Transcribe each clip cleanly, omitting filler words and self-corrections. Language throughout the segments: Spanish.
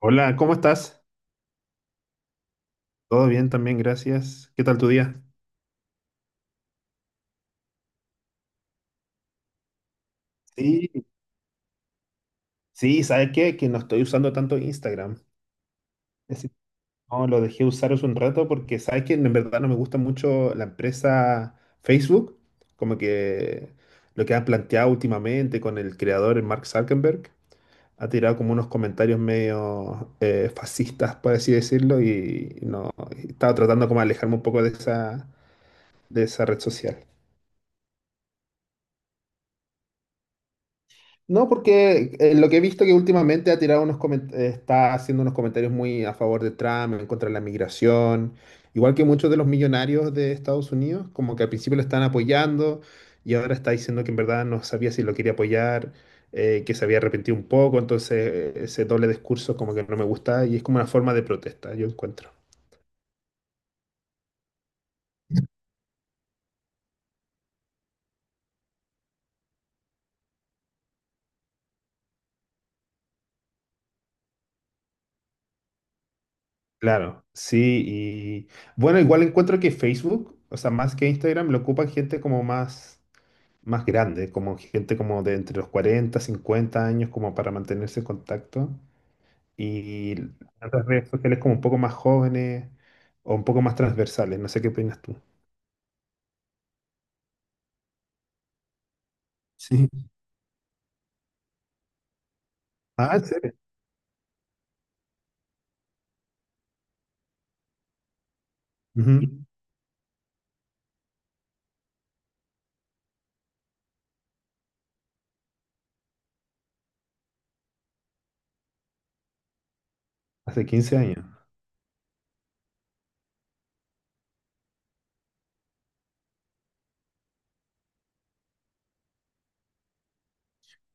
Hola, ¿cómo estás? Todo bien también, gracias. ¿Qué tal tu día? Sí, sí, ¿sabes qué? Que no estoy usando tanto Instagram. Es decir, no, lo dejé usar hace un rato porque sabes que en verdad no me gusta mucho la empresa Facebook, como que lo que han planteado últimamente con el creador el Mark Zuckerberg. Ha tirado como unos comentarios medio fascistas, por así decirlo, y no, y estaba tratando como de alejarme un poco de esa red social. No, porque lo que he visto que últimamente ha tirado unos está haciendo unos comentarios muy a favor de Trump, en contra de la migración, igual que muchos de los millonarios de Estados Unidos, como que al principio lo están apoyando y ahora está diciendo que en verdad no sabía si lo quería apoyar, que se había arrepentido un poco, entonces ese doble discurso como que no me gusta y es como una forma de protesta, yo encuentro. Claro, sí, y bueno, igual encuentro que Facebook, o sea, más que Instagram, lo ocupan gente como más grande, como gente como de entre los 40 50 años, como para mantenerse en contacto. Y las otras redes sociales como un poco más jóvenes o un poco más transversales, no sé qué opinas tú. Sí. Ah, ¿en serio? Ujú. Hace 15 años.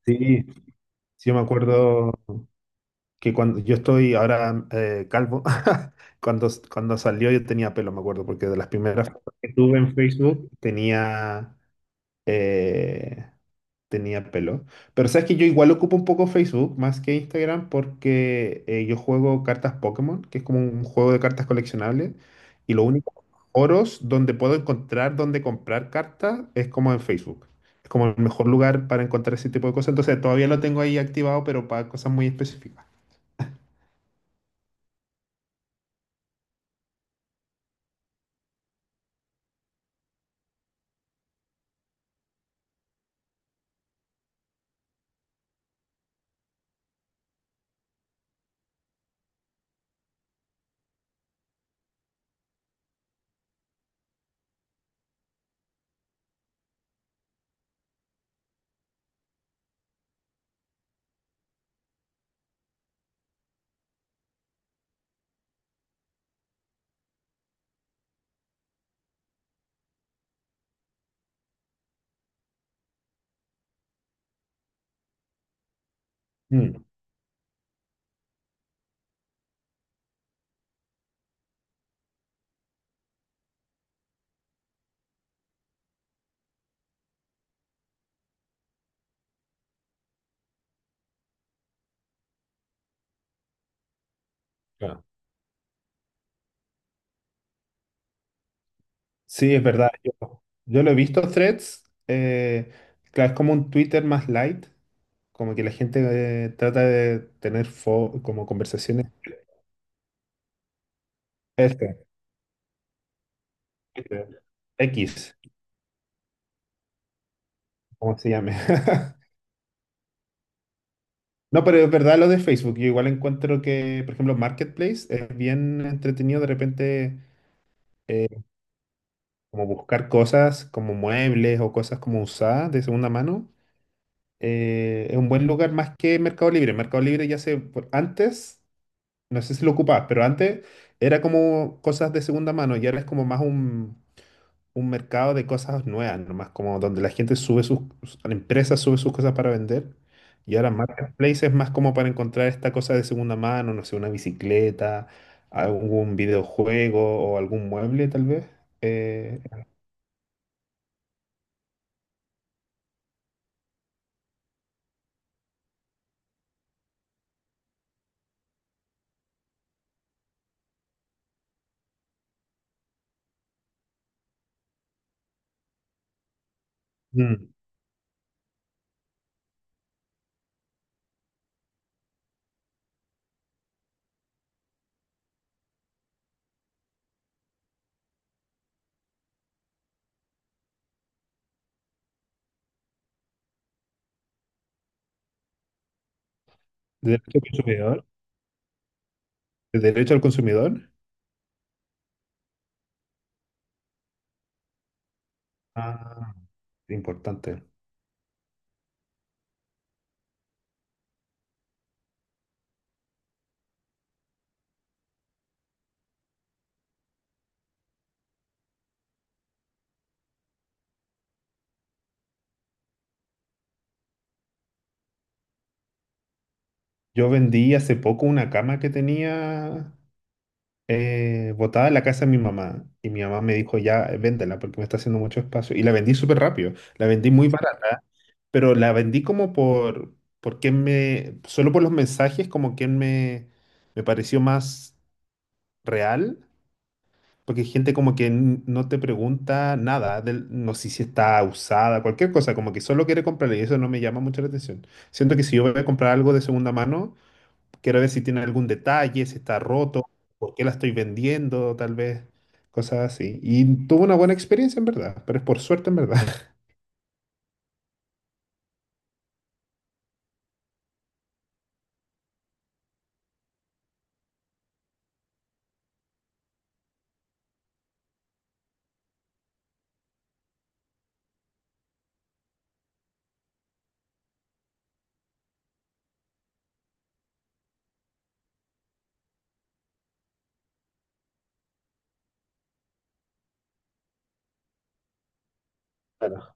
Sí, sí, yo me acuerdo que cuando yo estoy ahora calvo, cuando salió yo tenía pelo, me acuerdo, porque de las primeras fotos que tuve en Facebook eh, tenía pelo. Pero sabes que yo igual ocupo un poco Facebook más que Instagram porque yo juego cartas Pokémon, que es como un juego de cartas coleccionables. Y lo único, foros donde puedo encontrar donde comprar cartas es como en Facebook. Es como el mejor lugar para encontrar ese tipo de cosas. Entonces todavía lo tengo ahí activado, pero para cosas muy específicas. Mm, claro. Sí, es verdad. Yo lo he visto Threads. Claro, es como un Twitter más light, como que la gente trata de tener como conversaciones. Este, este, X, como se llame. No, pero es verdad lo de Facebook. Yo igual encuentro que, por ejemplo, Marketplace es bien entretenido de repente, eh, como buscar cosas como muebles o cosas como usadas de segunda mano. Es un buen lugar más que Mercado Libre. Mercado Libre antes, no sé si lo ocupabas, pero antes era como cosas de segunda mano y ahora es como más un mercado de cosas nuevas, nomás como donde la empresa sube sus cosas para vender. Y ahora Marketplace es más como para encontrar esta cosa de segunda mano, no sé, una bicicleta, algún videojuego o algún mueble tal vez. Eh, mm, ¿de derecho al consumidor? ¿De derecho al consumidor? Ah, importante. Yo vendí hace poco una cama que tenía botada en la casa de mi mamá y mi mamá me dijo, ya, véndela porque me está haciendo mucho espacio. Y la vendí súper rápido, la vendí muy barata, pero la vendí como por solo por los mensajes, como me pareció más real, porque hay gente como que no te pregunta nada, no sé si está usada, cualquier cosa, como que solo quiere comprarla y eso no me llama mucho la atención. Siento que si yo voy a comprar algo de segunda mano quiero ver si tiene algún detalle, si está roto, por qué la estoy vendiendo, tal vez, cosas así. Y tuve una buena experiencia en verdad, pero es por suerte en verdad. Claro.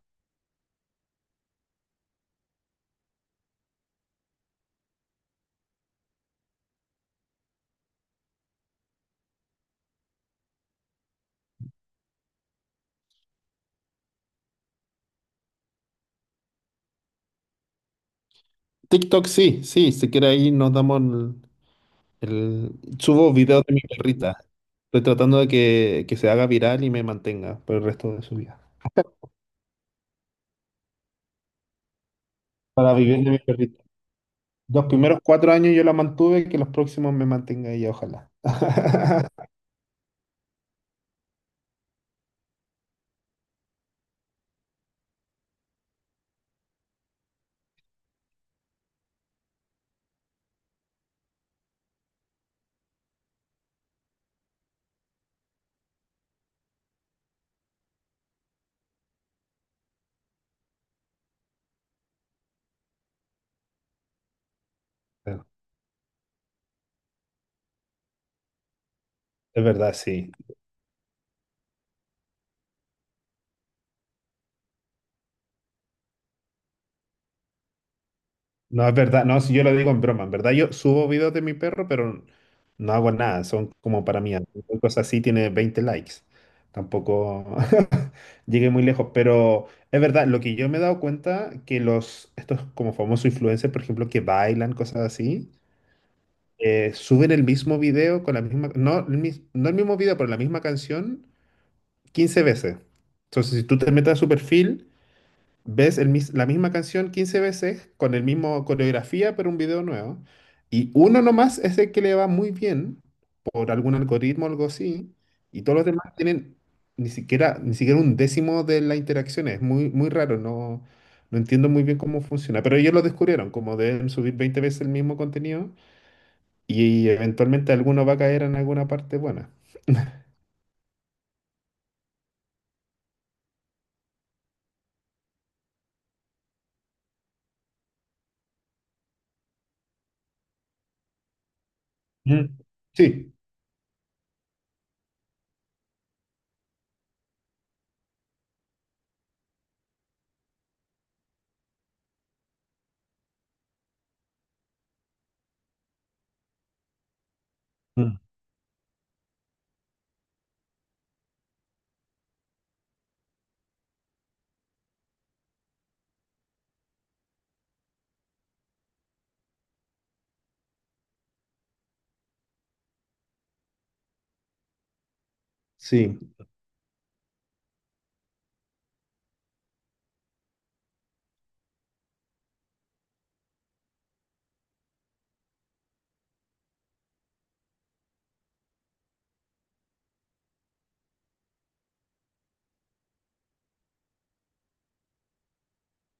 TikTok sí, sí, si quiere ahí nos damos el. Subo videos de mi perrita. Estoy tratando de que se haga viral y me mantenga por el resto de su vida. Para vivir de mi perrita. Los primeros 4 años yo la mantuve, que los próximos me mantenga ella, ojalá. Es verdad, sí. No, es verdad, no, si yo lo digo en broma, en verdad yo subo videos de mi perro, pero no hago nada, son como para mí, cualquier cosa así tiene 20 likes, tampoco llegué muy lejos, pero es verdad, lo que yo me he dado cuenta, que los, estos como famosos influencers, por ejemplo, que bailan, cosas así, suben el mismo video con la misma, no el, mis- no el mismo video, pero la misma canción 15 veces. Entonces, si tú te metes a su perfil, ves la misma canción 15 veces con el mismo coreografía, pero un video nuevo. Y uno nomás es el que le va muy bien por algún algoritmo o algo así. Y todos los demás tienen ni siquiera un décimo de la interacción. Es muy, muy raro. No, no entiendo muy bien cómo funciona. Pero ellos lo descubrieron, como deben subir 20 veces el mismo contenido y eventualmente alguno va a caer en alguna parte buena. Mm, sí, mm, sí.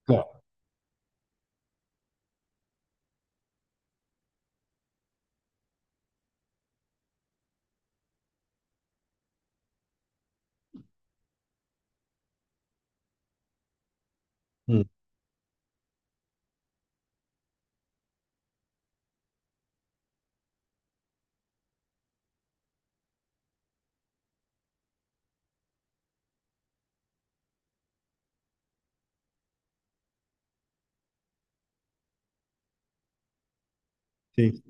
Claro. Mm, sí.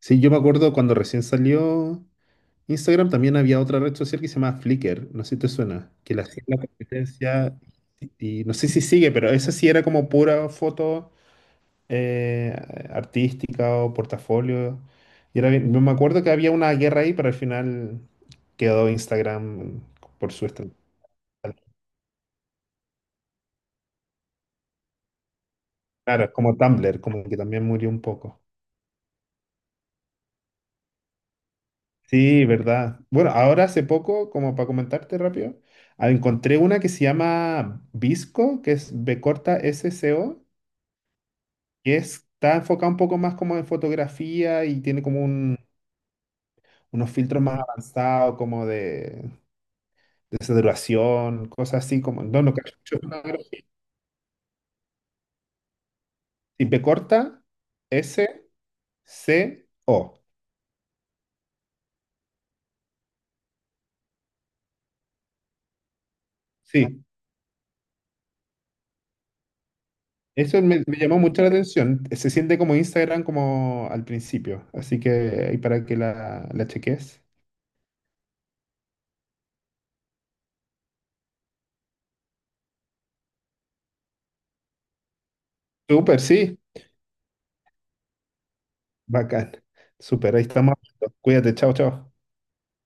Sí, yo me acuerdo cuando recién salió. Instagram también había otra red social que se llama Flickr, no sé si te suena, que la hacía la competencia y no sé si sigue, pero esa sí era como pura foto eh, artística o portafolio. Y era me acuerdo que había una guerra ahí, pero al final quedó Instagram por su estrategia. Claro, como Tumblr, como que también murió un poco. Sí, verdad. Bueno, ahora hace poco, como para comentarte rápido, encontré una que se llama Visco, que es VSCO, que está enfocado un poco más como en fotografía y tiene como unos filtros más avanzados, como de saturación, cosas así como. No, no cacho mucho. Y VSCO. Sí, eso me llamó mucho la atención. Se siente como Instagram como al principio, así que ahí para que la cheques. Súper, sí, bacán. Súper, ahí estamos. Cuídate, chao, chao.